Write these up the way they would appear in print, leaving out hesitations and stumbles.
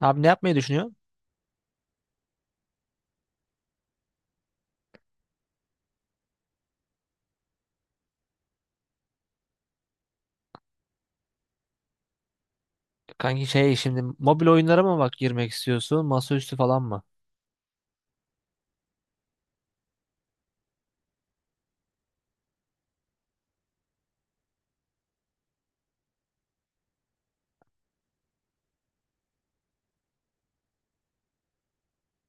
Abi ne yapmayı düşünüyorsun? Kanki şey şimdi mobil oyunlara mı bak girmek istiyorsun? Masaüstü falan mı?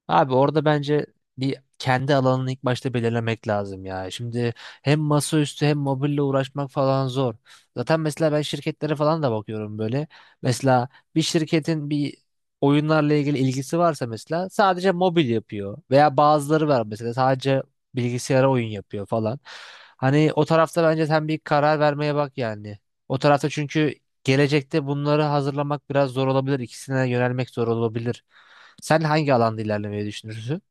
Abi orada bence bir kendi alanını ilk başta belirlemek lazım ya. Şimdi hem masaüstü hem mobille uğraşmak falan zor. Zaten mesela ben şirketlere falan da bakıyorum böyle. Mesela bir şirketin bir oyunlarla ilgili ilgisi varsa mesela sadece mobil yapıyor. Veya bazıları var mesela sadece bilgisayara oyun yapıyor falan. Hani o tarafta bence sen bir karar vermeye bak yani. O tarafta çünkü gelecekte bunları hazırlamak biraz zor olabilir. İkisine yönelmek zor olabilir. Sen hangi alanda ilerlemeyi düşünürsün?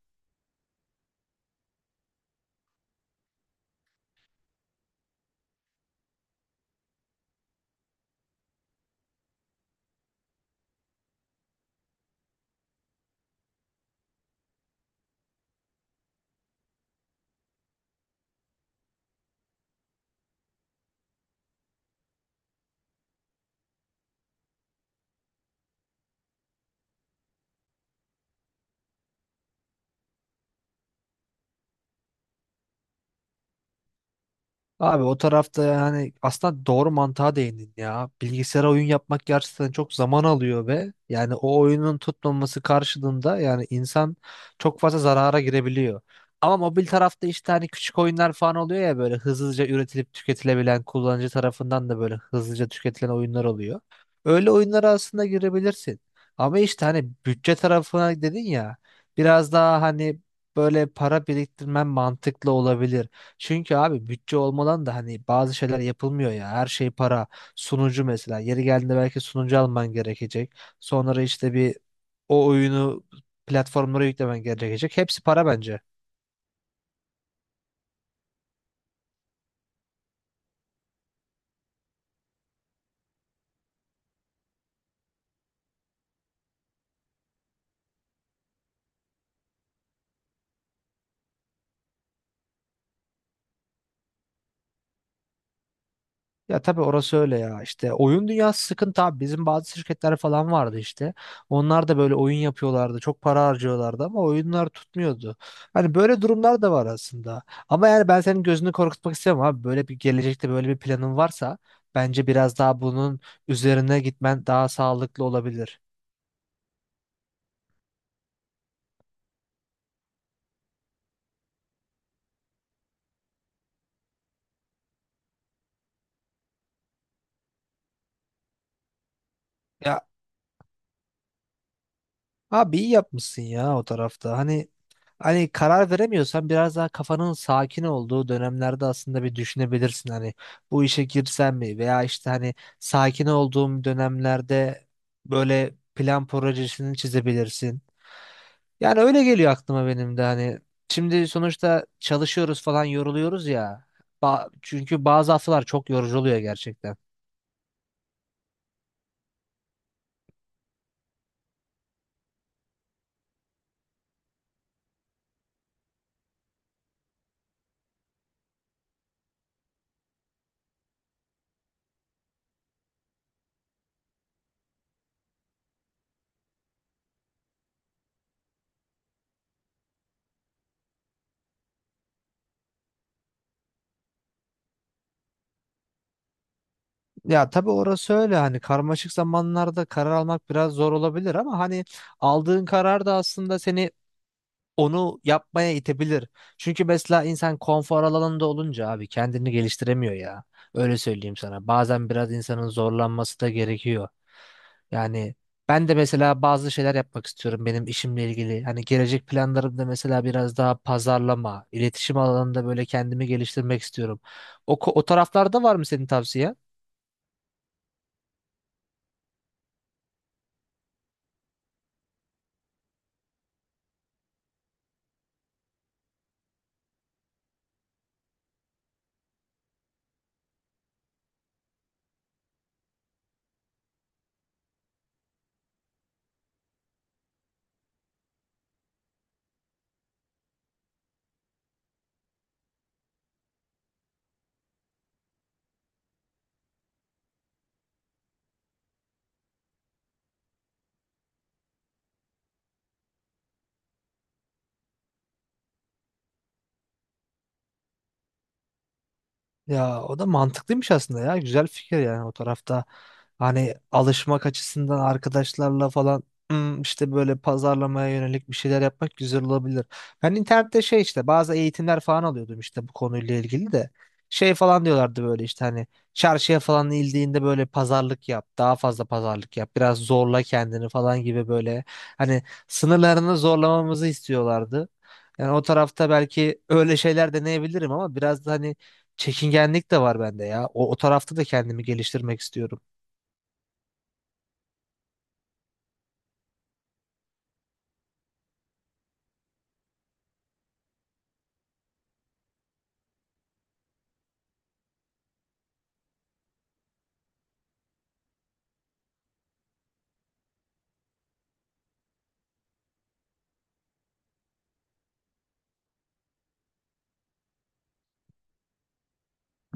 Abi o tarafta yani aslında doğru mantığa değindin ya. Bilgisayara oyun yapmak gerçekten çok zaman alıyor ve yani o oyunun tutmaması karşılığında yani insan çok fazla zarara girebiliyor. Ama mobil tarafta işte hani küçük oyunlar falan oluyor ya böyle hızlıca üretilip tüketilebilen, kullanıcı tarafından da böyle hızlıca tüketilen oyunlar oluyor. Öyle oyunlara aslında girebilirsin. Ama işte hani bütçe tarafına dedin ya, biraz daha hani böyle para biriktirmen mantıklı olabilir. Çünkü abi bütçe olmadan da hani bazı şeyler yapılmıyor ya. Her şey para. Sunucu mesela. Yeri geldiğinde belki sunucu alman gerekecek. Sonra işte bir o oyunu platformlara yüklemen gerekecek. Hepsi para bence. Ya tabii orası öyle ya, işte oyun dünyası sıkıntı abi, bizim bazı şirketler falan vardı işte, onlar da böyle oyun yapıyorlardı, çok para harcıyorlardı ama oyunlar tutmuyordu. Hani böyle durumlar da var aslında ama yani ben senin gözünü korkutmak istemem abi, böyle bir gelecekte böyle bir planın varsa bence biraz daha bunun üzerine gitmen daha sağlıklı olabilir. Ya abi iyi yapmışsın ya o tarafta hani. Hani karar veremiyorsan biraz daha kafanın sakin olduğu dönemlerde aslında bir düşünebilirsin hani bu işe girsem mi, veya işte hani sakin olduğum dönemlerde böyle plan projesini çizebilirsin. Yani öyle geliyor aklıma benim de hani, şimdi sonuçta çalışıyoruz falan, yoruluyoruz ya. Çünkü bazı haftalar çok yorucu oluyor gerçekten. Ya tabii orası öyle, hani karmaşık zamanlarda karar almak biraz zor olabilir ama hani aldığın karar da aslında seni onu yapmaya itebilir. Çünkü mesela insan konfor alanında olunca abi kendini geliştiremiyor ya. Öyle söyleyeyim sana. Bazen biraz insanın zorlanması da gerekiyor. Yani ben de mesela bazı şeyler yapmak istiyorum benim işimle ilgili. Hani gelecek planlarımda mesela biraz daha pazarlama, iletişim alanında böyle kendimi geliştirmek istiyorum. O, o taraflarda var mı senin tavsiye? Ya o da mantıklıymış aslında ya. Güzel fikir yani o tarafta. Hani alışmak açısından arkadaşlarla falan işte böyle pazarlamaya yönelik bir şeyler yapmak güzel olabilir. Ben internette şey işte bazı eğitimler falan alıyordum işte bu konuyla ilgili de. Şey falan diyorlardı böyle işte hani çarşıya falan indiğinde böyle pazarlık yap. Daha fazla pazarlık yap. Biraz zorla kendini falan gibi böyle hani sınırlarını zorlamamızı istiyorlardı. Yani o tarafta belki öyle şeyler deneyebilirim ama biraz da hani çekingenlik de var bende ya. O tarafta da kendimi geliştirmek istiyorum.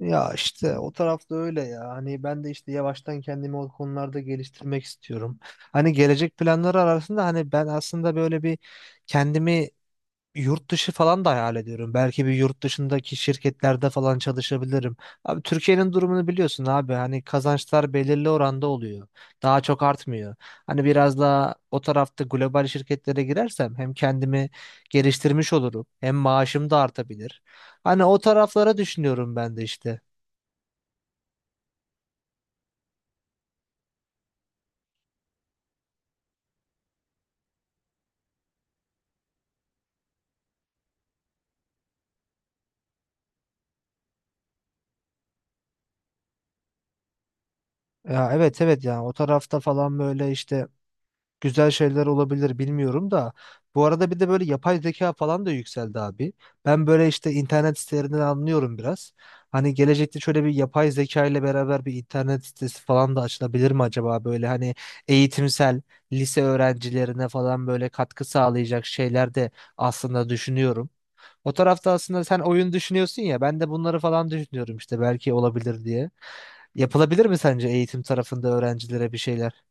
Ya işte o tarafta öyle ya. Hani ben de işte yavaştan kendimi o konularda geliştirmek istiyorum. Hani gelecek planları arasında hani ben aslında böyle bir kendimi, yurt dışı falan da hayal ediyorum. Belki bir yurt dışındaki şirketlerde falan çalışabilirim. Abi Türkiye'nin durumunu biliyorsun abi. Hani kazançlar belirli oranda oluyor. Daha çok artmıyor. Hani biraz daha o tarafta global şirketlere girersem hem kendimi geliştirmiş olurum, hem maaşım da artabilir. Hani o taraflara düşünüyorum ben de işte. Ya evet evet, yani o tarafta falan böyle işte güzel şeyler olabilir, bilmiyorum da. Bu arada bir de böyle yapay zeka falan da yükseldi abi. Ben böyle işte internet sitelerinden anlıyorum biraz. Hani gelecekte şöyle bir yapay zeka ile beraber bir internet sitesi falan da açılabilir mi acaba? Böyle hani eğitimsel, lise öğrencilerine falan böyle katkı sağlayacak şeyler de aslında düşünüyorum. O tarafta aslında sen oyun düşünüyorsun ya, ben de bunları falan düşünüyorum işte, belki olabilir diye. Yapılabilir mi sence eğitim tarafında öğrencilere bir şeyler?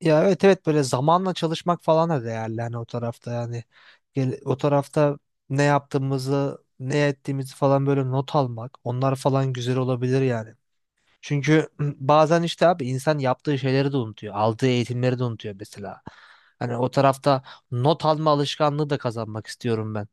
Ya evet evet, böyle zamanla çalışmak falan da değerli hani o tarafta yani. O tarafta ne yaptığımızı ne ettiğimizi falan böyle not almak, onlar falan güzel olabilir yani. Çünkü bazen işte abi insan yaptığı şeyleri de unutuyor, aldığı eğitimleri de unutuyor mesela. Hani o tarafta not alma alışkanlığı da kazanmak istiyorum ben.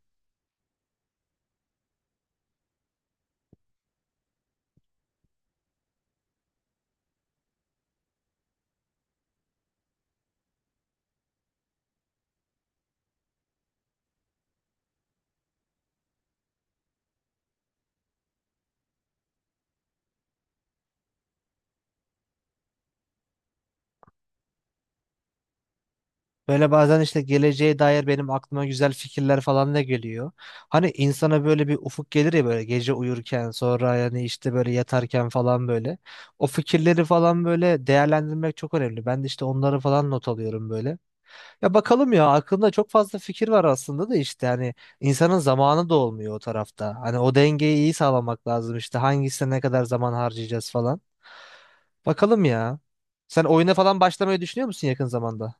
Böyle bazen işte geleceğe dair benim aklıma güzel fikirler falan da geliyor. Hani insana böyle bir ufuk gelir ya, böyle gece uyurken, sonra yani işte böyle yatarken falan böyle. O fikirleri falan böyle değerlendirmek çok önemli. Ben de işte onları falan not alıyorum böyle. Ya bakalım ya, aklımda çok fazla fikir var aslında da işte hani insanın zamanı da olmuyor o tarafta. Hani o dengeyi iyi sağlamak lazım işte, hangisine ne kadar zaman harcayacağız falan. Bakalım ya. Sen oyuna falan başlamayı düşünüyor musun yakın zamanda?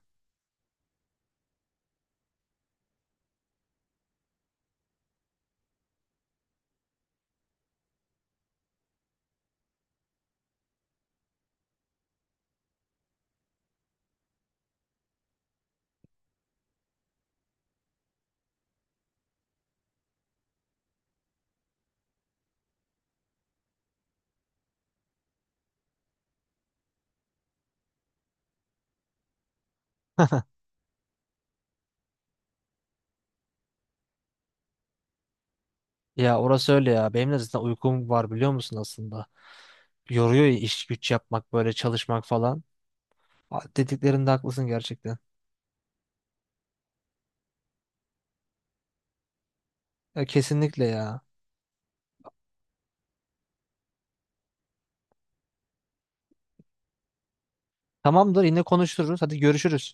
Ya orası öyle ya. Benim de zaten uykum var biliyor musun aslında. Yoruyor ya iş güç yapmak, böyle çalışmak falan. Aa, dediklerinde haklısın gerçekten. Ya kesinlikle ya. Tamamdır, yine konuşuruz. Hadi görüşürüz.